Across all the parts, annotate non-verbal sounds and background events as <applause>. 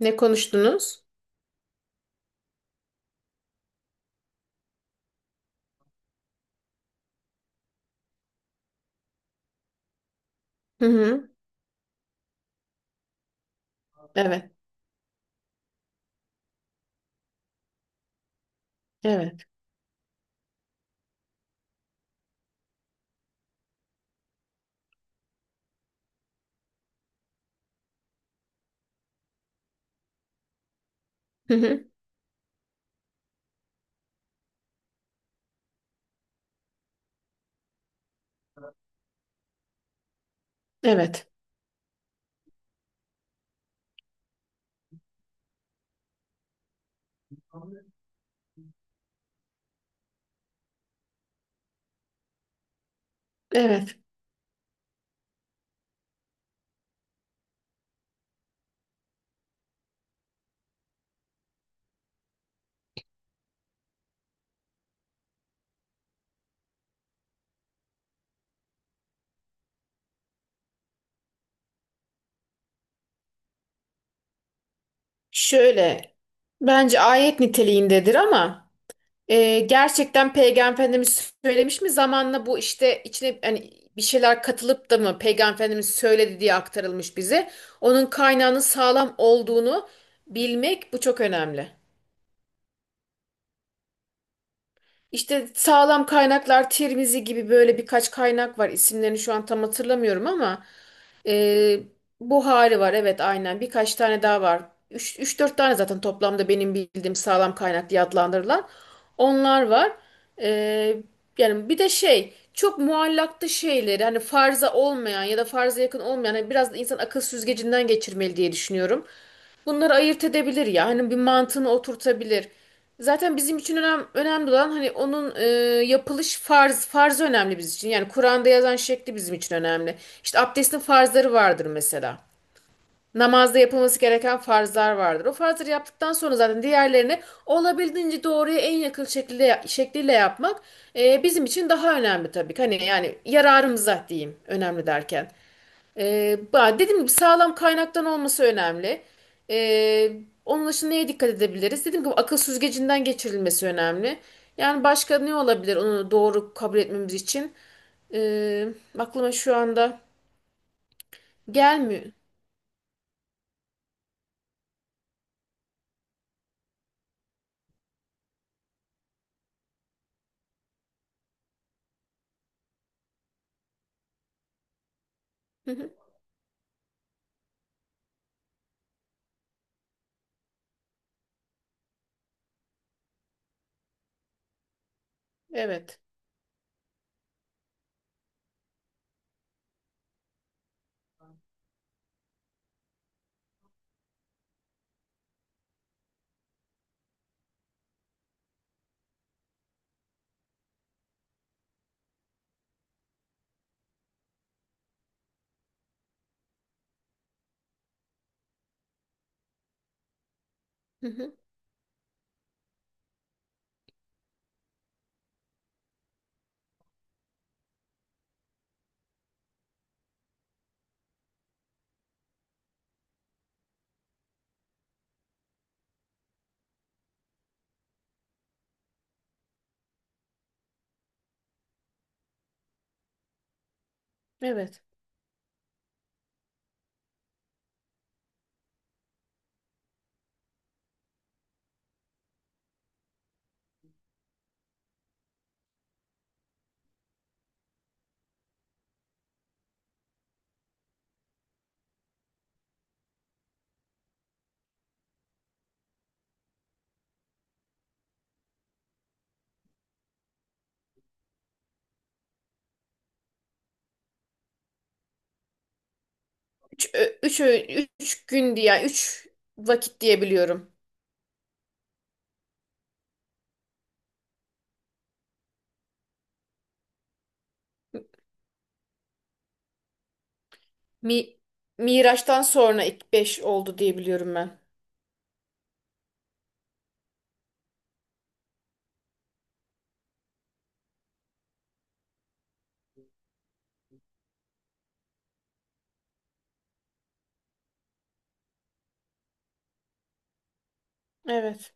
Ne konuştunuz? Hı hı. Evet. Evet. Hı hı. Evet. Evet. Şöyle bence ayet niteliğindedir ama gerçekten Peygamber Efendimiz söylemiş mi zamanla bu işte içine hani bir şeyler katılıp da mı Peygamber Efendimiz söyledi diye aktarılmış bize. Onun kaynağının sağlam olduğunu bilmek bu çok önemli. İşte sağlam kaynaklar Tirmizi gibi böyle birkaç kaynak var. İsimlerini şu an tam hatırlamıyorum ama e, Buhari var, evet aynen birkaç tane daha var. Üç üç dört tane zaten toplamda benim bildiğim sağlam kaynak diye adlandırılan onlar var. E, Yani bir de şey çok muallaklı şeyleri hani farza olmayan ya da farza yakın olmayan hani biraz da insan akıl süzgecinden geçirmeli diye düşünüyorum, bunları ayırt edebilir ya. Hani bir mantığını oturtabilir. Zaten bizim için önemli olan hani onun yapılış farz farz önemli bizim için. Yani Kur'an'da yazan şekli bizim için önemli. İşte abdestin farzları vardır mesela. Namazda yapılması gereken farzlar vardır. O farzları yaptıktan sonra zaten diğerlerini olabildiğince doğruya en yakın şekilde şekliyle yapmak bizim için daha önemli tabii ki. Hani yani yararımıza diyeyim önemli derken. Dediğim gibi sağlam kaynaktan olması önemli. Ee, Onun dışında neye dikkat edebiliriz? Dediğim gibi akıl süzgecinden geçirilmesi önemli. Yani başka ne olabilir onu doğru kabul etmemiz için? Ee, Aklıma şu anda gelmiyor. Hı hı. Evet. Hı hı. Evet. Üç gün diye, yani üç vakit diyebiliyorum. Mi, Miraç'tan sonra ilk beş oldu diyebiliyorum ben. Evet.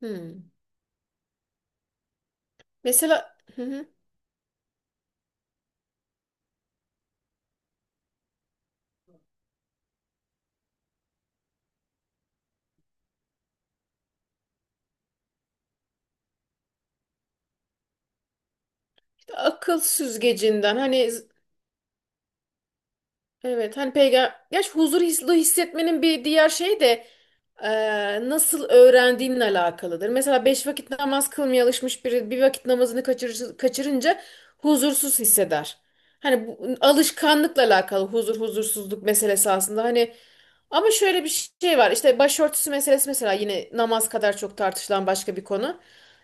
Hmm. Mesela. Hı hı. Akıl süzgecinden hani, evet, hani peygamber gerçi huzur hissetmenin bir diğer şey de e, nasıl öğrendiğinle alakalıdır. Mesela beş vakit namaz kılmaya alışmış biri bir vakit namazını kaçırır, kaçırınca huzursuz hisseder. Hani bu, alışkanlıkla alakalı huzur huzursuzluk meselesi aslında, hani ama şöyle bir şey var, işte başörtüsü meselesi mesela, yine namaz kadar çok tartışılan başka bir konu.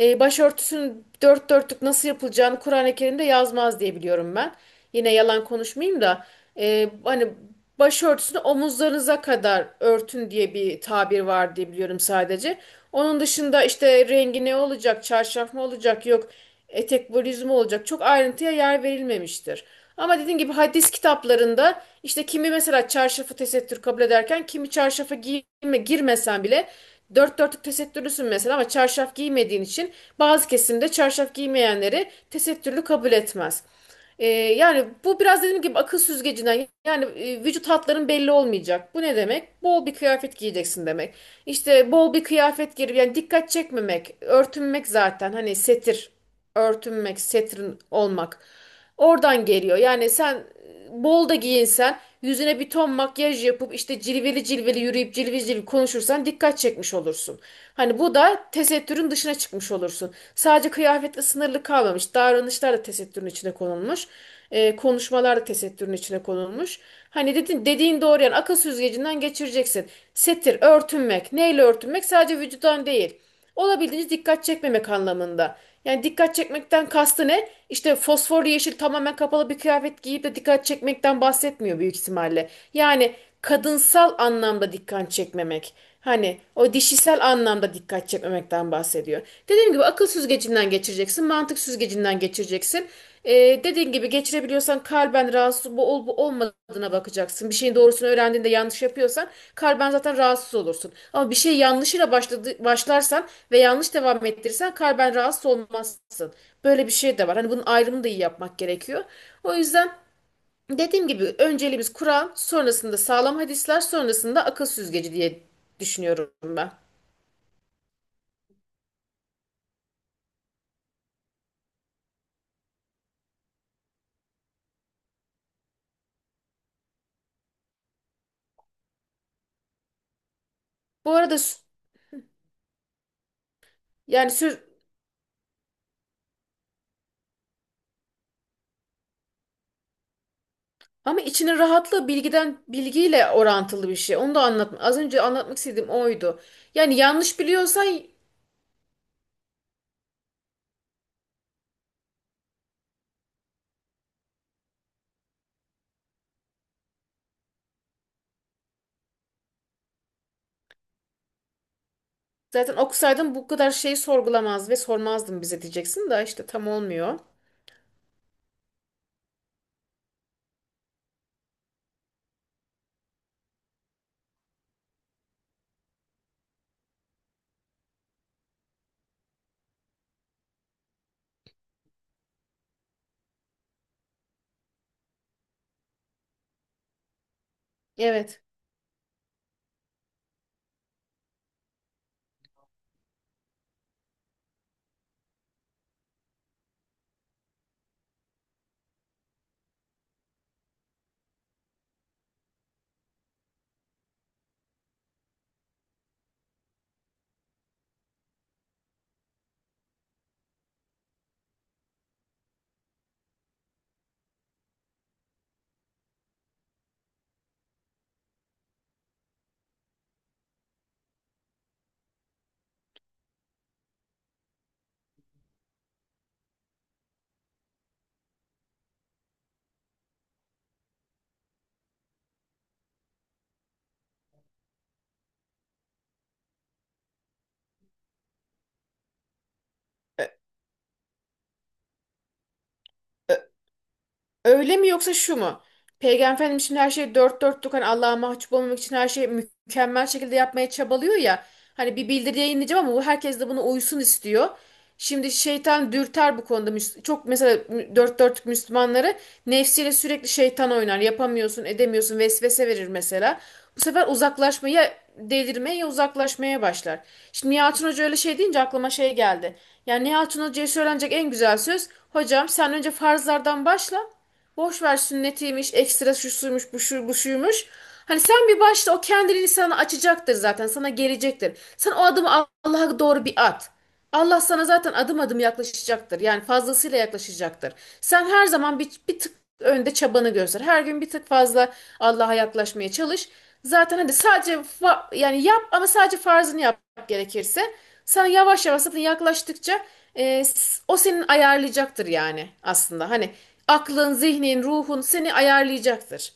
Başörtüsünün dört dörtlük nasıl yapılacağını Kur'an-ı Kerim'de yazmaz diye biliyorum ben. Yine yalan konuşmayayım da hani başörtüsünü omuzlarınıza kadar örtün diye bir tabir var diye biliyorum sadece. Onun dışında işte rengi ne olacak, çarşaf mı olacak, yok etek volüzümü olacak. Çok ayrıntıya yer verilmemiştir. Ama dediğim gibi hadis kitaplarında işte kimi mesela çarşafı tesettür kabul ederken kimi çarşafı giyme, girmesen bile dört dörtlük tesettürlüsün mesela ama çarşaf giymediğin için bazı kesimde çarşaf giymeyenleri tesettürlü kabul etmez. Yani bu biraz dediğim gibi akıl süzgecinden, yani vücut hatların belli olmayacak. Bu ne demek? Bol bir kıyafet giyeceksin demek. İşte bol bir kıyafet girip yani dikkat çekmemek, örtünmek, zaten hani setir, örtünmek, setrin olmak. Oradan geliyor. Yani sen bol da giyinsen, yüzüne bir ton makyaj yapıp işte cilveli cilveli yürüyüp cilveli cilveli konuşursan dikkat çekmiş olursun. Hani bu da tesettürün dışına çıkmış olursun. Sadece kıyafetle sınırlı kalmamış. Davranışlar da tesettürün içine konulmuş. Konuşmalar da tesettürün içine konulmuş. Hani dediğin doğru, yani akıl süzgecinden geçireceksin. Setir, örtünmek. Neyle örtünmek? Sadece vücudan değil. Olabildiğince dikkat çekmemek anlamında. Yani dikkat çekmekten kastı ne? İşte fosforlu yeşil tamamen kapalı bir kıyafet giyip de dikkat çekmekten bahsetmiyor büyük ihtimalle. Yani kadınsal anlamda dikkat çekmemek. Hani o dişisel anlamda dikkat çekmemekten bahsediyor. Dediğim gibi akıl süzgecinden geçireceksin, mantık süzgecinden geçireceksin. Dediğin gibi geçirebiliyorsan kalben rahatsız bu olup olmadığına bakacaksın. Bir şeyin doğrusunu öğrendiğinde yanlış yapıyorsan kalben zaten rahatsız olursun. Ama bir şey yanlışıyla başladı, başlarsan ve yanlış devam ettirirsen kalben rahatsız olmazsın. Böyle bir şey de var. Hani bunun ayrımını da iyi yapmak gerekiyor. O yüzden dediğim gibi önceliğimiz Kur'an, sonrasında sağlam hadisler, sonrasında akıl süzgeci diye düşünüyorum ben. Bu arada sü- yani sür Ama içinin rahatlığı bilgiden, bilgiyle orantılı bir şey. Onu da anlatma. Az önce anlatmak istediğim oydu. Yani yanlış biliyorsan zaten okusaydın bu kadar şeyi sorgulamaz ve sormazdın bize diyeceksin. Da işte tam olmuyor. Evet. Ö- ö- Öyle mi yoksa şu mu? Peygamber Efendimiz şimdi her şeyi dört dörtlük hani Allah'a mahcup olmamak için her şeyi mükemmel şekilde yapmaya çabalıyor ya. Hani bir bildiri yayınlayacağım ama bu herkes de buna uysun istiyor. Şimdi şeytan dürter bu konuda. Çok mesela dört dörtlük Müslümanları nefsiyle sürekli şeytan oynar. Yapamıyorsun, edemiyorsun, vesvese verir mesela. Bu sefer uzaklaşmaya ya delirmeye ya uzaklaşmaya başlar. Şimdi Nihat'ın Hoca öyle şey deyince aklıma şey geldi. Yani Nihat'ın Hoca'ya söylenecek en güzel söz, hocam sen önce farzlardan başla. Boş ver sünnetiymiş, ekstra şu suymuş, bu şu, bu şuymuş. Hani sen bir başla, o kendiliğini sana açacaktır zaten, sana gelecektir. Sen o adımı Allah'a doğru bir at. Allah sana zaten adım adım yaklaşacaktır. Yani fazlasıyla yaklaşacaktır. Sen her zaman bir tık önde çabanı göster. Her gün bir tık fazla Allah'a yaklaşmaya çalış. Zaten hadi sadece yani yap, ama sadece farzını yap gerekirse. Sana yavaş yavaş zaten yaklaştıkça o senin ayarlayacaktır yani aslında. Hani aklın, zihnin, ruhun seni ayarlayacaktır.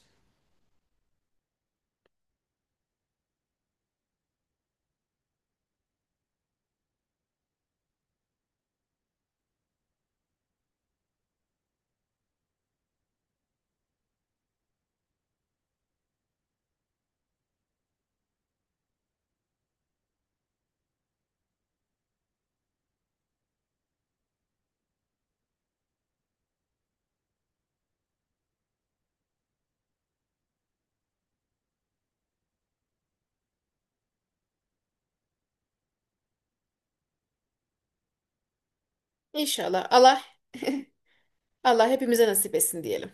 İnşallah Allah <laughs> Allah hepimize nasip etsin diyelim.